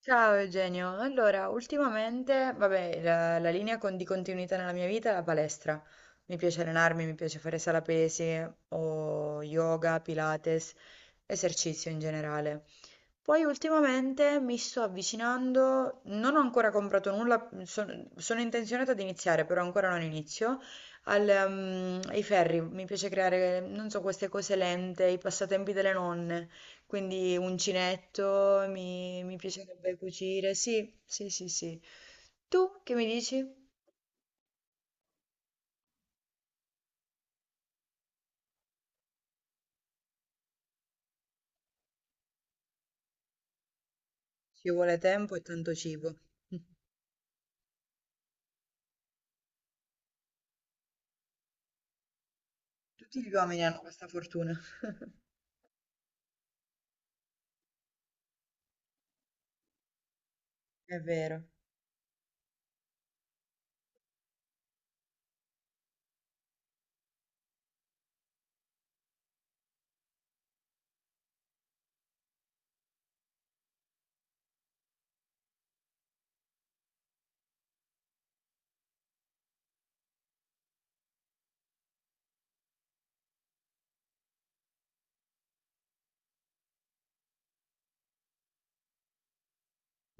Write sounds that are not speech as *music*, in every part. Ciao Eugenio, allora ultimamente, vabbè, la linea di continuità nella mia vita è la palestra. Mi piace allenarmi, mi piace fare sala pesi o yoga, pilates, esercizio in generale. Poi ultimamente mi sto avvicinando, non ho ancora comprato nulla, sono intenzionata ad iniziare, però ancora non inizio, ai ferri. Mi piace creare, non so, queste cose lente, i passatempi delle nonne. Quindi uncinetto, mi piacerebbe cucire. Sì, sì, sì, sì. Tu che mi dici? Ci vuole tempo e tanto cibo. *laughs* Tutti gli uomini hanno questa fortuna. *laughs* È vero.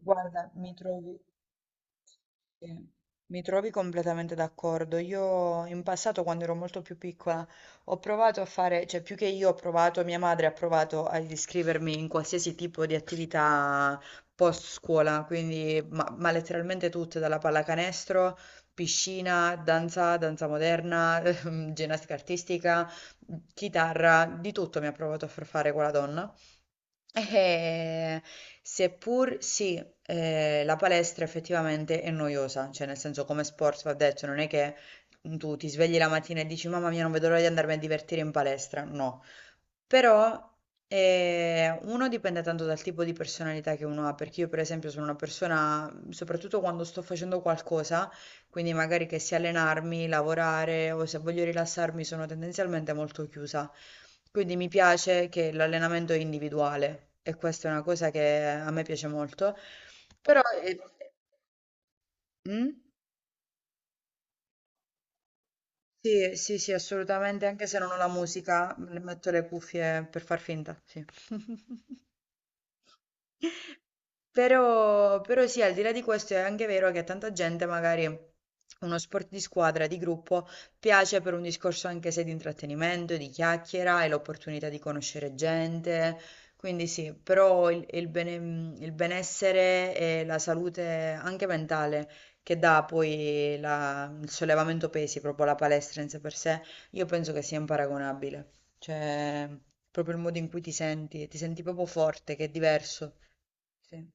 Guarda, mi trovi. Sì, mi trovi completamente d'accordo. Io in passato, quando ero molto più piccola, ho provato a fare, cioè più che io ho provato, mia madre ha provato ad iscrivermi in qualsiasi tipo di attività post scuola, quindi ma letteralmente tutte, dalla pallacanestro, piscina, danza, danza moderna, *laughs* ginnastica artistica, chitarra, di tutto mi ha provato a far fare quella donna. Eh, seppur sì, la palestra effettivamente è noiosa, cioè nel senso come sport va detto, non è che tu ti svegli la mattina e dici mamma mia non vedo l'ora di andarmi a divertire in palestra, no, però uno dipende tanto dal tipo di personalità che uno ha, perché io per esempio sono una persona, soprattutto quando sto facendo qualcosa, quindi magari che sia allenarmi, lavorare o se voglio rilassarmi sono tendenzialmente molto chiusa. Quindi mi piace che l'allenamento è individuale e questa è una cosa che a me piace molto. Però mm? Sì, sì, sì, assolutamente, anche se non ho la musica, le metto le cuffie per far finta, sì. *laughs* Però, però sì, al di là di questo è anche vero che a tanta gente magari uno sport di squadra, di gruppo, piace per un discorso anche se di intrattenimento, di chiacchiera e l'opportunità di conoscere gente. Quindi sì, però il benessere e la salute anche mentale che dà poi il sollevamento pesi, proprio la palestra in sé per sé, io penso che sia imparagonabile. Cioè, proprio il modo in cui ti senti proprio forte, che è diverso. Sì,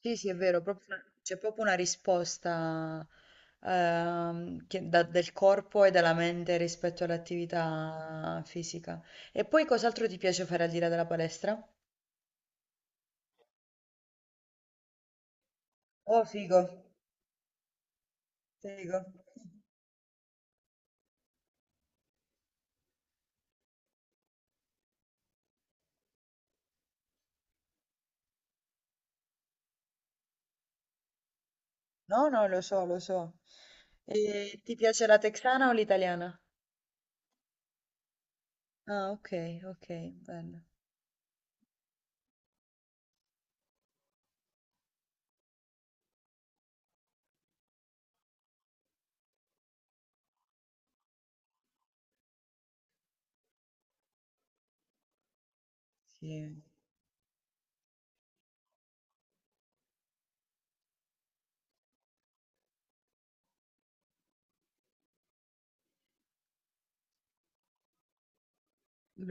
sì, sì, è vero, c'è proprio una risposta del corpo e della mente rispetto all'attività fisica. E poi cos'altro ti piace fare al di là della palestra? Oh, figo, figo. No, no, lo so, lo so. E ti piace la texana o l'italiana? Ah, ok, ok, bello. Sì.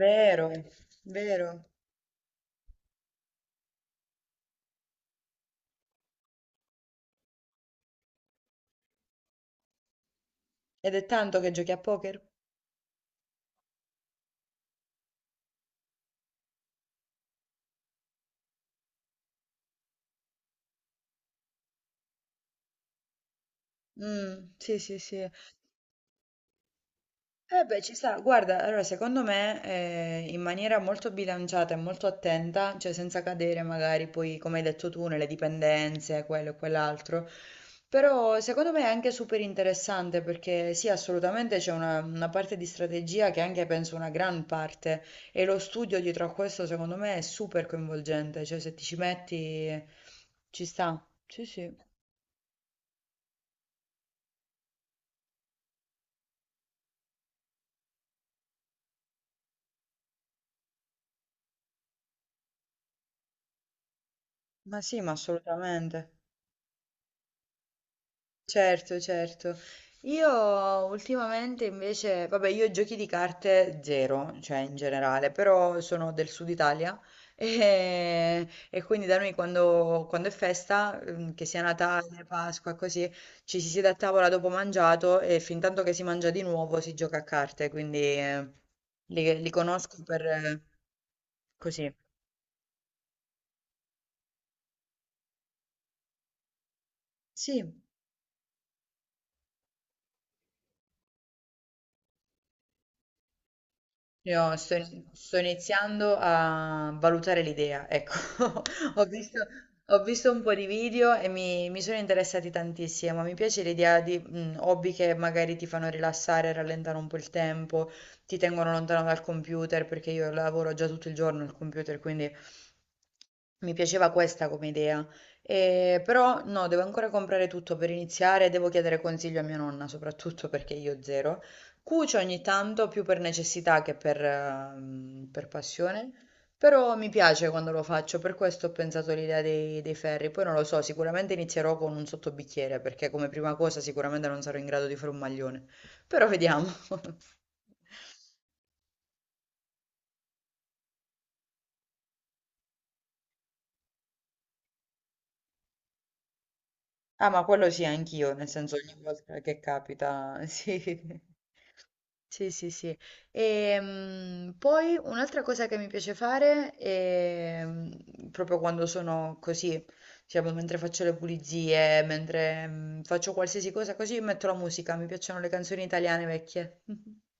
Vero, vero. Ed è tanto che giochi a poker? Mm, sì, sì, sì. Eh beh, ci sta, guarda, allora secondo me in maniera molto bilanciata e molto attenta, cioè senza cadere magari poi, come hai detto tu, nelle dipendenze, quello e quell'altro, però secondo me è anche super interessante perché sì, assolutamente c'è una parte di strategia che è anche penso una gran parte e lo studio dietro a questo secondo me è super coinvolgente, cioè se ti ci metti ci sta, sì sì, ma assolutamente. Certo, certo. Io ultimamente invece, vabbè, io giochi di carte zero, cioè in generale, però sono del sud Italia *laughs* e quindi da noi quando è festa, che sia Natale, Pasqua, così, ci si siede a tavola dopo mangiato e fin tanto che si mangia di nuovo si gioca a carte, quindi li conosco per così. Sì, io sto, sto iniziando a valutare l'idea, ecco. *laughs* Ho visto, ho visto un po' di video e mi sono interessati tantissimo. Mi piace l'idea di hobby che magari ti fanno rilassare, rallentare un po' il tempo, ti tengono lontano dal computer, perché io lavoro già tutto il giorno al computer, quindi mi piaceva questa come idea. Però no, devo ancora comprare tutto per iniziare, devo chiedere consiglio a mia nonna, soprattutto perché io zero. Cucio ogni tanto più per necessità che per, per passione, però mi piace quando lo faccio, per questo ho pensato all'idea dei ferri. Poi non lo so, sicuramente inizierò con un sottobicchiere, perché come prima cosa sicuramente non sarò in grado di fare un maglione, però vediamo. *laughs* Ah, ma quello sì anch'io, nel senso ogni volta che capita, *laughs* sì. Sì, sì, sì. Poi un'altra cosa che mi piace fare è proprio quando sono così, diciamo, mentre faccio le pulizie, mentre faccio qualsiasi cosa così, metto la musica. Mi piacciono le canzoni italiane vecchie. *laughs*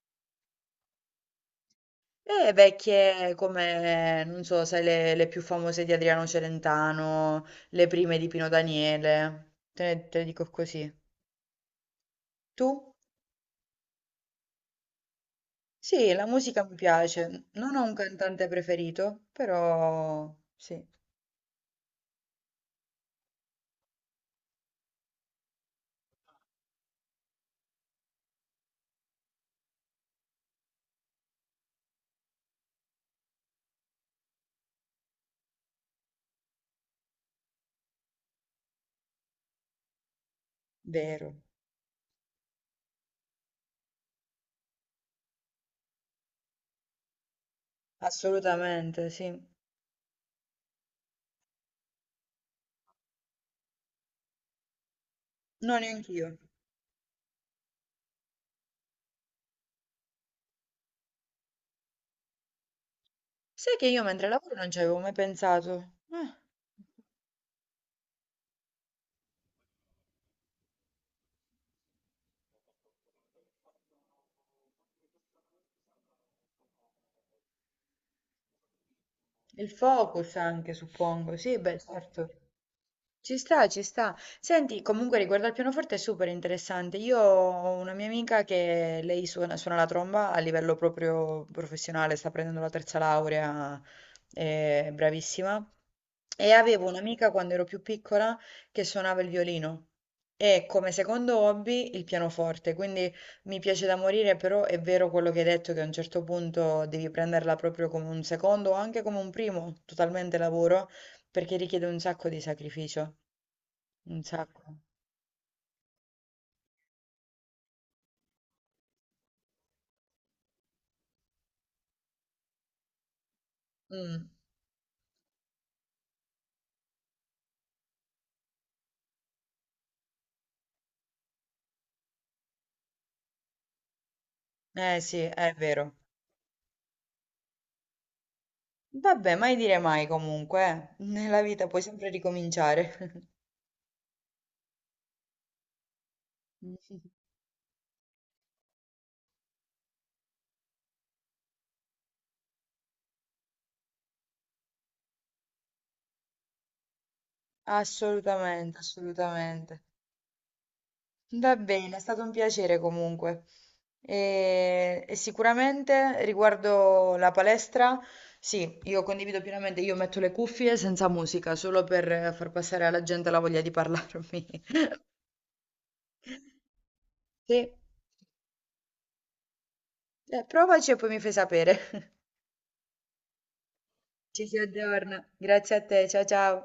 E vecchie come, non so, sai, le più famose di Adriano Celentano, le prime di Pino Daniele. Te ne dico così. Tu? Sì, la musica mi piace. Non ho un cantante preferito, però sì. Vero, assolutamente, sì. No, neanch'io. Sai che io mentre lavoro non ci avevo mai pensato. Il focus anche, suppongo. Sì, beh, certo. Ci sta, ci sta. Senti, comunque riguardo al pianoforte è super interessante. Io ho una mia amica che lei suona, suona la tromba a livello proprio professionale, sta prendendo la terza laurea, è bravissima. E avevo un'amica quando ero più piccola che suonava il violino e come secondo hobby il pianoforte, quindi mi piace da morire, però è vero quello che hai detto che a un certo punto devi prenderla proprio come un secondo o anche come un primo, totalmente lavoro, perché richiede un sacco di sacrificio. Un sacco. Mm. Eh sì, è vero. Vabbè, mai dire mai comunque, eh. Nella vita puoi sempre ricominciare. *laughs* Assolutamente, assolutamente. Va bene, è stato un piacere comunque. E sicuramente riguardo la palestra, sì, io condivido pienamente, io metto le cuffie senza musica, solo per far passare alla gente la voglia di parlarmi. *laughs* Sì, eh, provaci e poi mi fai sapere. *laughs* Ci si aggiorna. Grazie a te, ciao ciao.